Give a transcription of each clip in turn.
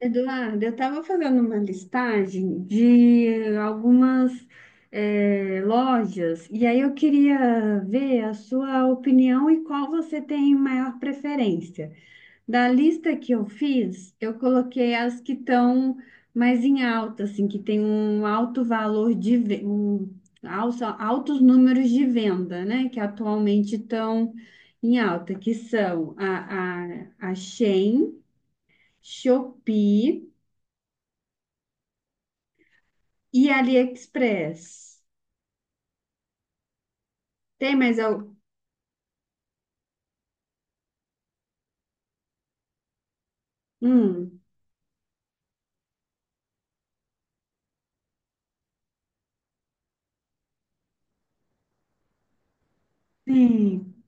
Eduardo, eu estava fazendo uma listagem de algumas lojas e aí eu queria ver a sua opinião e qual você tem maior preferência. Da lista que eu fiz, eu coloquei as que estão mais em alta, assim, que tem um alto valor de ve- um, alça- altos números de venda, né? Que atualmente estão em alta, que são a Shein, Shopee. E AliExpress? Tem mais algum? Hum, sim.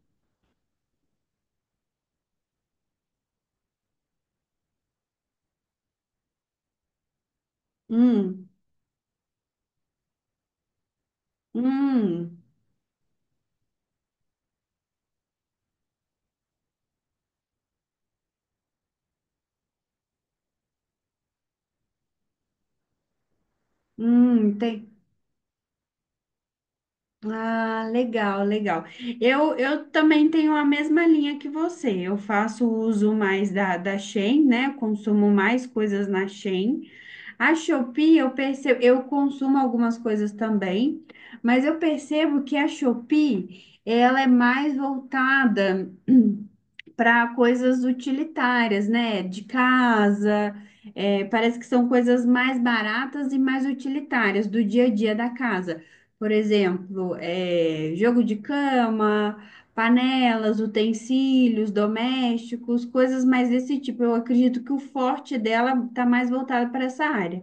Hum, hum, tem. Ah, legal, legal. Eu também tenho a mesma linha que você. Eu faço uso mais da Shein, né? Consumo mais coisas na Shein. A Shopee, eu percebo, eu consumo algumas coisas também, mas eu percebo que a Shopee, ela é mais voltada para coisas utilitárias, né? De casa, é, parece que são coisas mais baratas e mais utilitárias do dia a dia da casa. Por exemplo, é, jogo de cama, panelas, utensílios domésticos, coisas mais desse tipo. Eu acredito que o forte dela está mais voltado para essa área.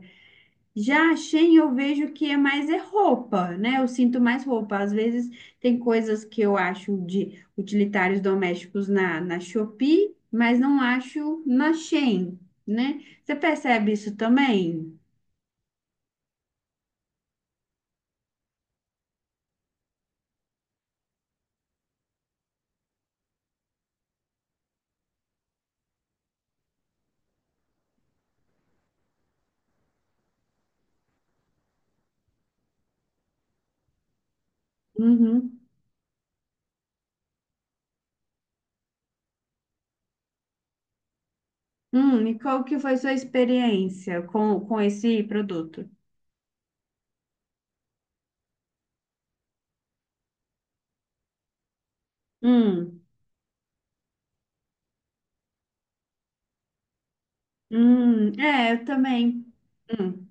Já a Shein eu vejo que é mais é roupa, né? Eu sinto mais roupa. Às vezes tem coisas que eu acho de utilitários domésticos na Shopee, mas não acho na Shein, né? Você percebe isso também? Uhum. E qual que foi sua experiência com esse produto? Hum, é, eu também. Hum.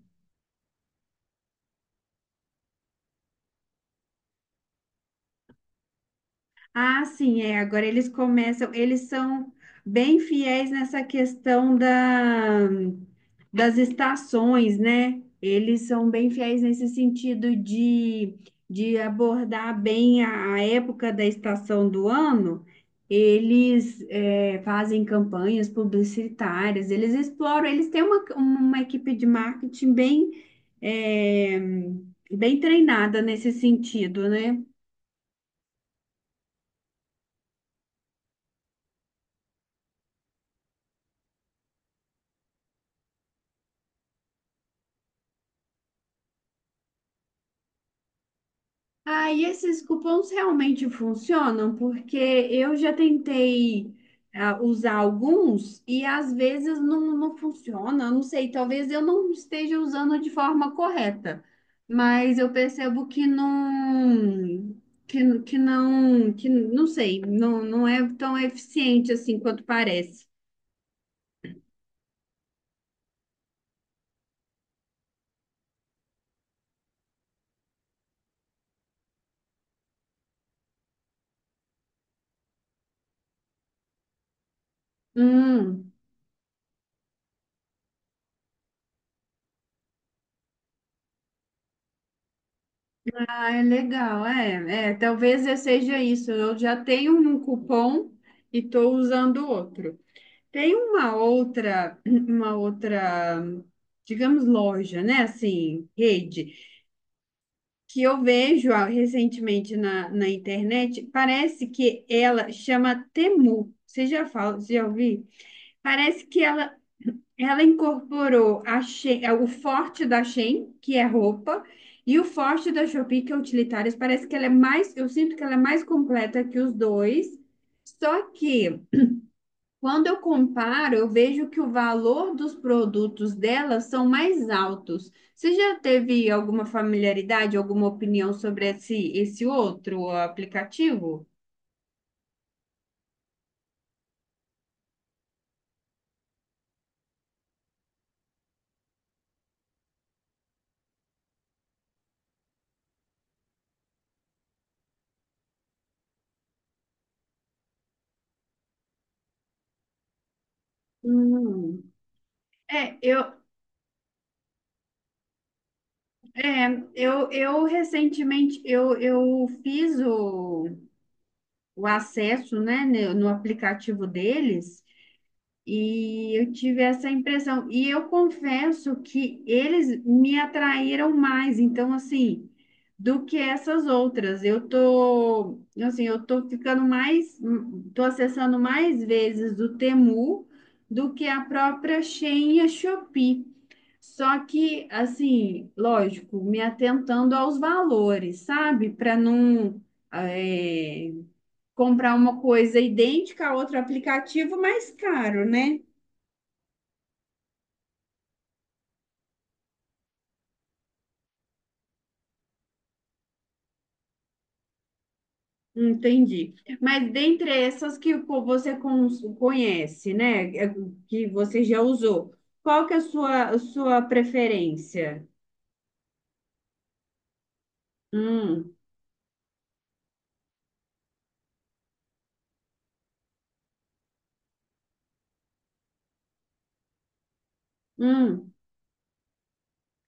Ah, sim, é. Agora eles começam, eles são bem fiéis nessa questão das estações, né? Eles são bem fiéis nesse sentido de abordar bem a época da estação do ano. Eles é, fazem campanhas publicitárias, eles exploram, eles têm uma equipe de marketing bem, é, bem treinada nesse sentido, né? Ah, e esses cupons realmente funcionam? Porque eu já tentei usar alguns e às vezes não, não funciona. Eu não sei, talvez eu não esteja usando de forma correta, mas eu percebo que não, que não, que não sei, não, não é tão eficiente assim quanto parece. Hum, ah, é legal, é, é, talvez eu seja isso. Eu já tenho um cupom e estou usando outro. Tem uma outra, digamos, loja, né? Assim, rede, que eu vejo recentemente na internet, parece que ela chama Temu. Você já fala, você já ouviu? Parece que ela incorporou a é, o forte da Shein, que é roupa, e o forte da Shopee, que é utilitários. Parece que ela é mais, eu sinto que ela é mais completa que os dois. Só que quando eu comparo, eu vejo que o valor dos produtos delas são mais altos. Você já teve alguma familiaridade, alguma opinião sobre esse outro aplicativo? Hum. É, eu, é, eu recentemente eu fiz o acesso, né, no aplicativo deles. E eu tive essa impressão. E eu confesso que eles me atraíram mais, então, assim, do que essas outras. Eu tô, assim, eu tô ficando mais, tô acessando mais vezes o Temu do que a própria Shein e a Shopee. Só que, assim, lógico, me atentando aos valores, sabe? Para não, eh, comprar uma coisa idêntica a outro aplicativo mais caro, né? Entendi. Mas dentre essas que conhece, né, é, que você já usou, qual que é a sua preferência? Hum, hum.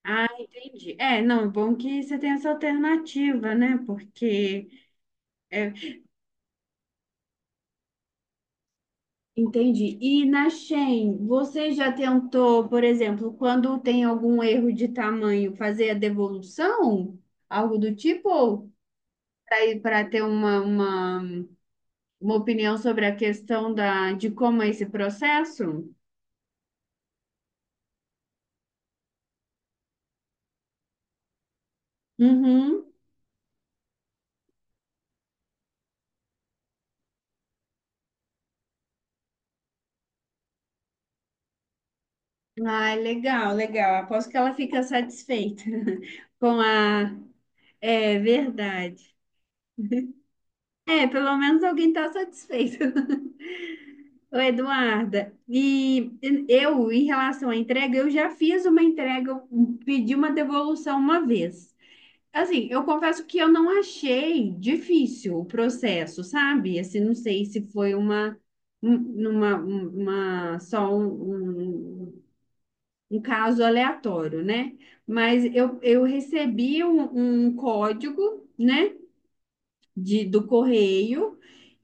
Ah, entendi. É, não, bom que você tem essa alternativa, né? Porque é, entendi. E na Shein, você já tentou, por exemplo, quando tem algum erro de tamanho, fazer a devolução? Algo do tipo? Para ter uma opinião sobre a questão de como é esse processo? Uhum. Ai, legal, legal. Aposto que ela fica satisfeita com a. É verdade. É, pelo menos alguém está satisfeito. Ô, Eduarda, e eu, em relação à entrega, eu já fiz uma entrega, eu pedi uma devolução uma vez. Assim, eu confesso que eu não achei difícil o processo, sabe? Assim, não sei se foi uma, um- uma só um, um, um caso aleatório, né? Mas eu recebi um código, né, de, do correio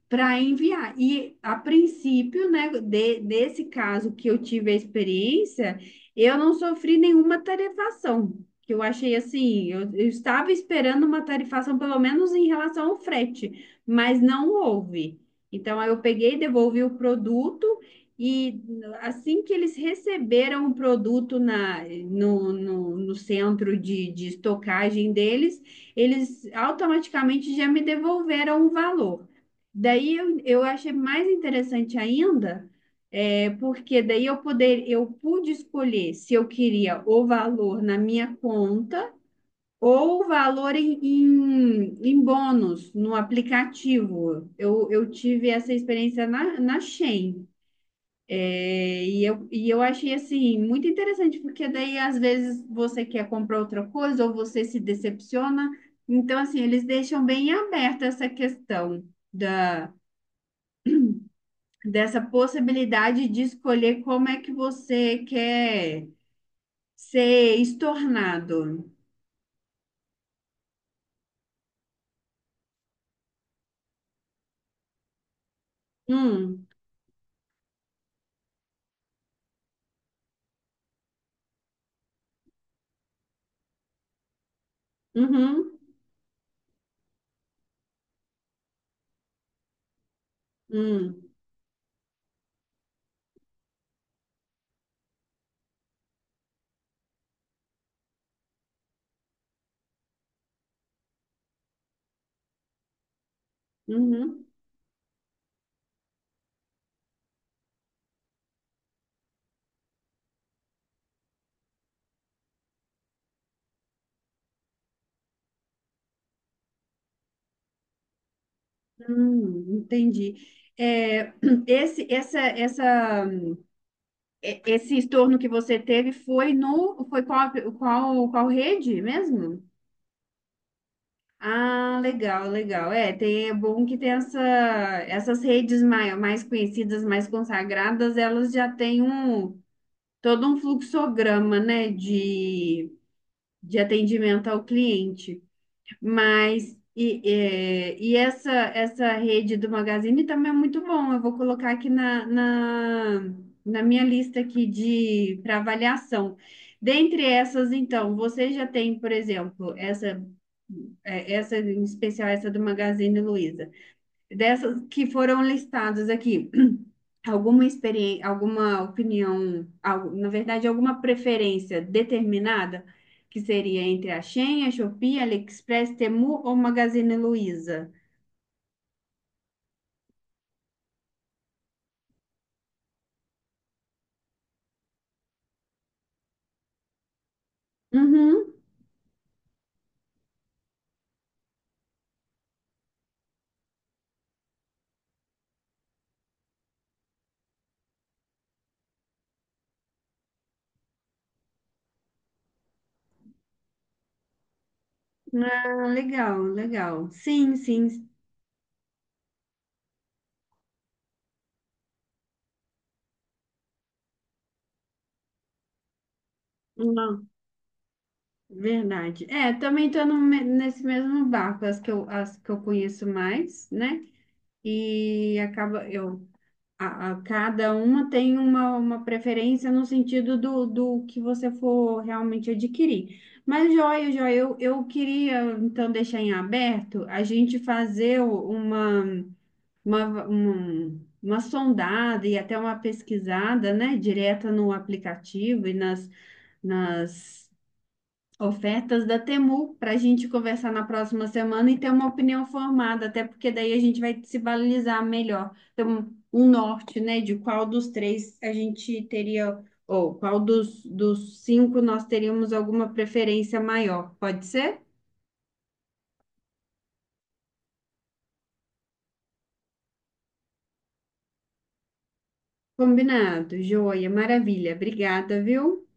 para enviar. E a princípio, né, desse caso que eu tive a experiência, eu não sofri nenhuma tarifação. Que eu achei assim, eu estava esperando uma tarifação, pelo menos em relação ao frete, mas não houve. Então, aí eu peguei, devolvi o produto e assim que eles receberam o produto na, no, no, no centro de estocagem deles, eles automaticamente já me devolveram o valor. Daí eu achei mais interessante ainda, é, porque daí eu pude escolher se eu queria o valor na minha conta ou o valor em bônus no aplicativo. Eu tive essa experiência na Shein. E eu achei assim muito interessante, porque daí às vezes você quer comprar outra coisa ou você se decepciona. Então, assim, eles deixam bem aberta essa questão da dessa possibilidade de escolher como é que você quer ser estornado. Hum, uhum, hum, uhum, entendi. É, esse, essa, e- esse estorno que você teve foi no, foi qual, qual, qual rede mesmo? Ah, legal, legal. É, tem, é bom que tem essas redes mais, mais conhecidas, mais consagradas, elas já têm um, todo um fluxograma, né, de atendimento ao cliente. Mas e, é, e essa rede do Magazine também é muito bom. Eu vou colocar aqui na minha lista aqui de para avaliação. Dentre essas, então, você já tem, por exemplo, essa em especial essa do Magazine Luiza. Dessas que foram listadas aqui, alguma experiência, alguma opinião, na verdade, alguma preferência determinada, que seria entre a Shein, a Shopee, AliExpress, Temu ou Magazine Luiza? Uhum. Ah, legal, legal. Sim, sim. Não, verdade. É, também estou nesse mesmo barco, as que eu conheço mais, né? E acaba eu cada uma tem uma preferência no sentido do que você for realmente adquirir. Mas, joia, joia, eu queria então deixar em aberto a gente fazer uma sondada e até uma pesquisada, né, direta no aplicativo nas Ofertas da Temu para a gente conversar na próxima semana e ter uma opinião formada, até porque daí a gente vai se balizar melhor, ter um norte, né, de qual dos três a gente teria, ou qual dos cinco nós teríamos alguma preferência maior. Pode ser? Combinado, joia, maravilha. Obrigada, viu?